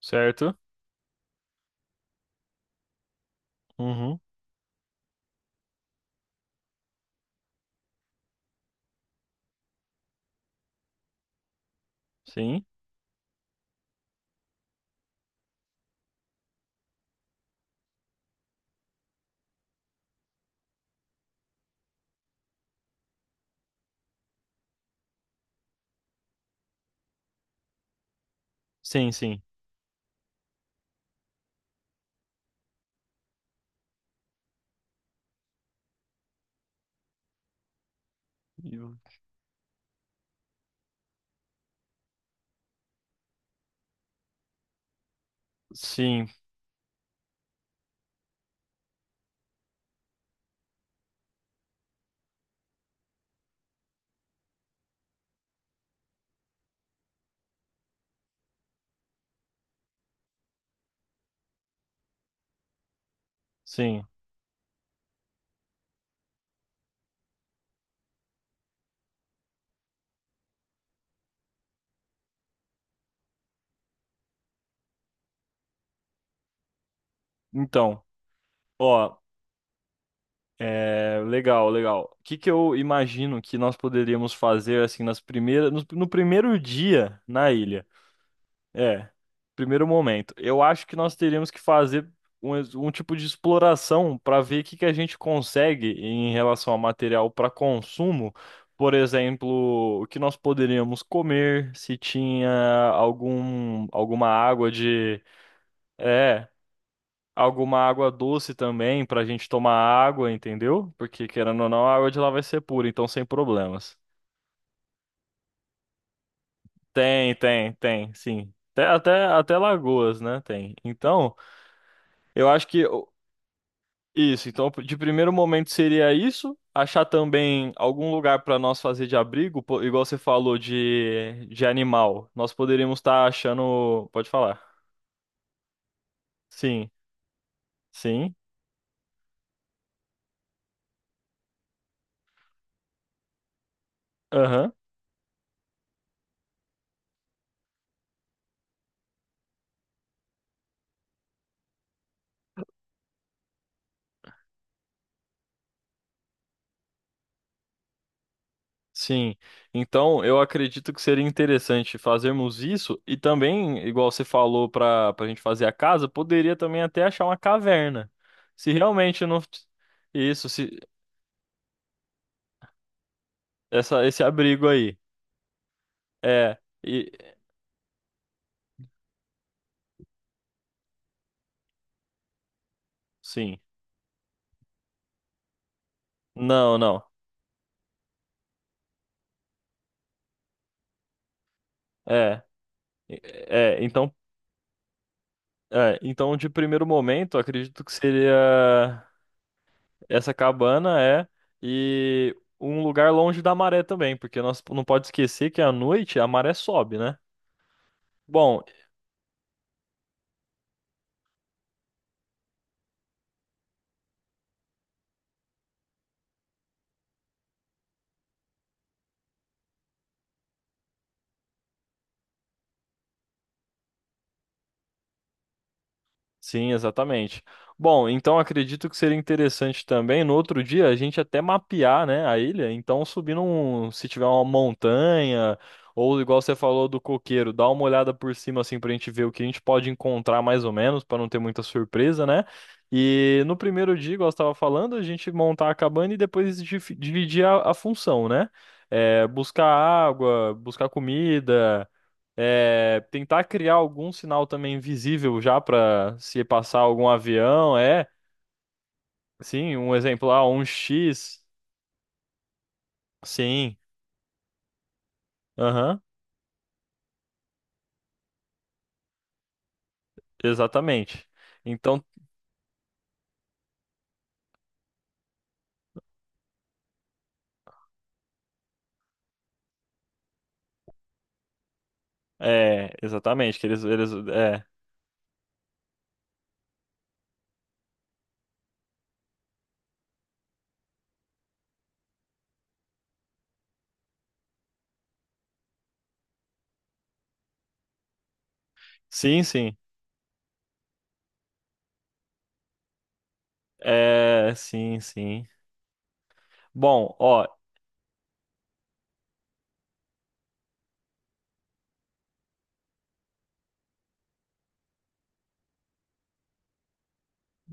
Certo? Uhum. Sim. Sim, sim. E o- Sim, sim. Então, ó, legal, legal. O que eu imagino que nós poderíamos fazer assim nas primeiras, no, no primeiro dia na ilha? É, Primeiro momento. Eu acho que nós teríamos que fazer um tipo de exploração para ver o que a gente consegue em relação a material para consumo. Por exemplo, o que nós poderíamos comer, se tinha alguma água de. É, Alguma água doce também para a gente tomar água, entendeu? Porque querendo ou não, a água de lá vai ser pura, então sem problemas. Tem, tem, tem, sim. Até lagoas, né? Tem. Então. Eu acho que isso, então de primeiro momento seria isso, achar também algum lugar para nós fazer de abrigo, igual você falou de animal. Nós poderíamos estar achando, pode falar. Sim, sim, aham, sim. Então eu acredito que seria interessante fazermos isso e também, igual você falou para a gente fazer a casa, poderia também até achar uma caverna. Se realmente não isso, se essa esse abrigo aí. É, e sim. Não, não. É. É, então, é, então de primeiro momento, acredito que seria essa cabana é e um lugar longe da maré também, porque nós não pode esquecer que à noite a maré sobe, né? Bom, sim, exatamente. Bom, então acredito que seria interessante também no outro dia a gente até mapear, né, a ilha. Então, subir um, se tiver uma montanha ou igual você falou do coqueiro, dar uma olhada por cima assim pra gente ver o que a gente pode encontrar mais ou menos, para não ter muita surpresa, né? E no primeiro dia, igual você estava falando, a gente montar a cabana e depois dividir a função, né? É, buscar água, buscar comida. É, tentar criar algum sinal também visível já para se passar algum avião, é. Sim, um exemplo lá, um X. Sim, aham, exatamente. Então, é, exatamente, que eles, é. Sim, sim. É, sim, sim. Bom, ó,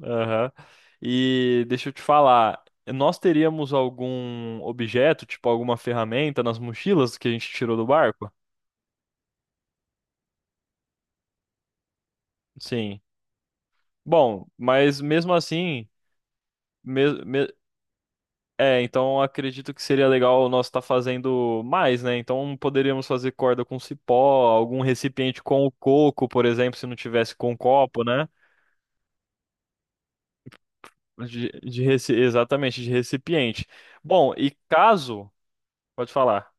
aham. E deixa eu te falar, nós teríamos algum objeto, tipo alguma ferramenta nas mochilas que a gente tirou do barco? Sim. Bom, mas mesmo assim, mes- me é, então acredito que seria legal nós estar fazendo mais, né? Então poderíamos fazer corda com cipó, algum recipiente com o coco, por exemplo, se não tivesse com copo, né? Exatamente, de recipiente. Bom, e caso, pode falar,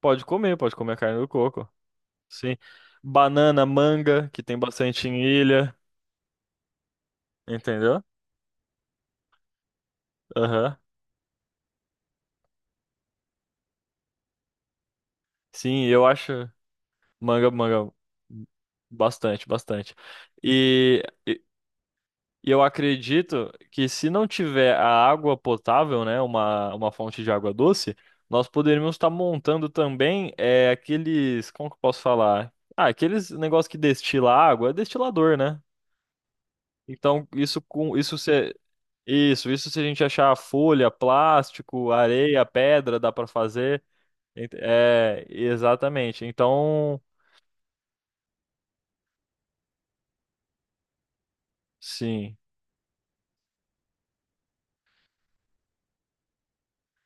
pode comer a carne do coco, sim. Banana, manga, que tem bastante em ilha, entendeu? Aham. Sim, eu acho manga, manga, hum, bastante, bastante. E eu acredito que se não tiver a água potável, né, uma fonte de água doce, nós poderíamos estar montando também aqueles, como que eu posso falar? Ah, aqueles negócios que destila água, é destilador, né? Então, isso com isso se isso, isso se a gente achar folha, plástico, areia, pedra, dá para fazer. É, exatamente. Então, sim.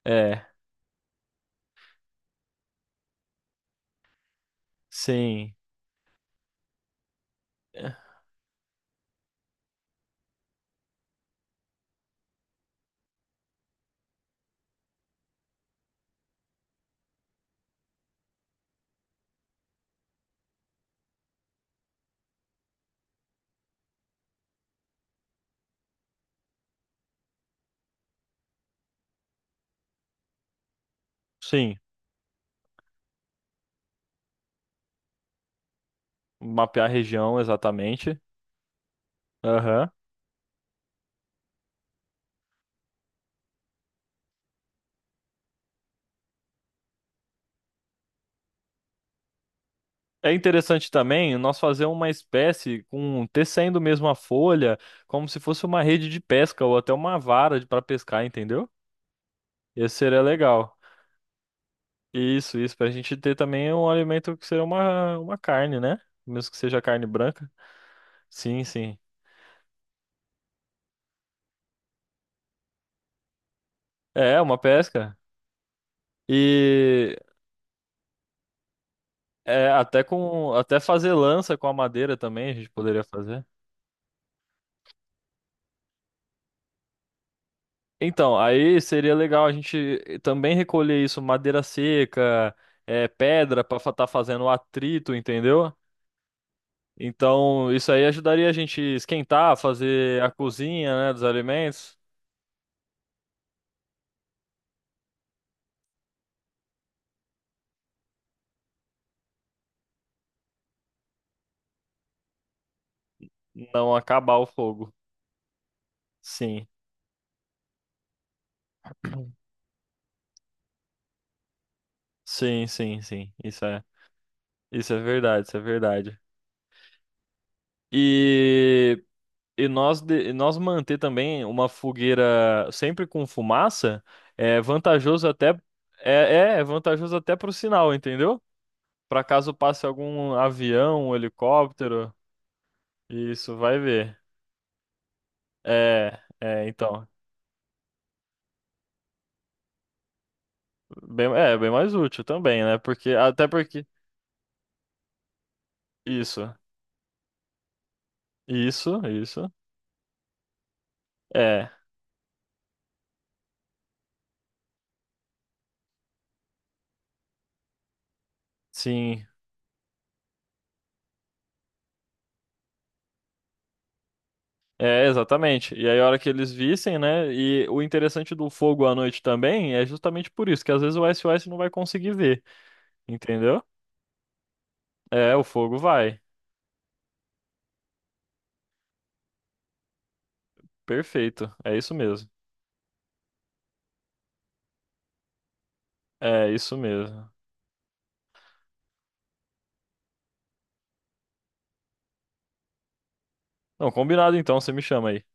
É, sim. É, sim, mapear a região exatamente. Aham. É interessante também nós fazer uma espécie com tecendo mesmo a folha, como se fosse uma rede de pesca ou até uma vara para pescar, entendeu? Esse seria legal. Isso, para a gente ter também um alimento que seria uma carne, né? Mesmo que seja carne branca. Sim, sim. É, uma pesca. E até com até fazer lança com a madeira também a gente poderia fazer. Então, aí seria legal a gente também recolher isso, madeira seca, é, pedra para estar fazendo o atrito, entendeu? Então, isso aí ajudaria a gente esquentar, fazer a cozinha, né, dos alimentos, não acabar o fogo. Sim, sim, sim, sim. Isso é verdade, isso é verdade. E, e nós manter também uma fogueira sempre com fumaça é vantajoso até é, é vantajoso até pro sinal, entendeu? Pra caso passe algum avião, um helicóptero, isso vai ver. É, é, então, bem, é bem mais útil também, né? Porque até porque isso, isso, isso. É, sim. É, exatamente. E aí, a hora que eles vissem, né? E o interessante do fogo à noite também é justamente por isso, que às vezes o SOS não vai conseguir ver, entendeu? É, o fogo vai. Perfeito. É isso mesmo. É isso mesmo. Não, combinado então, você me chama aí.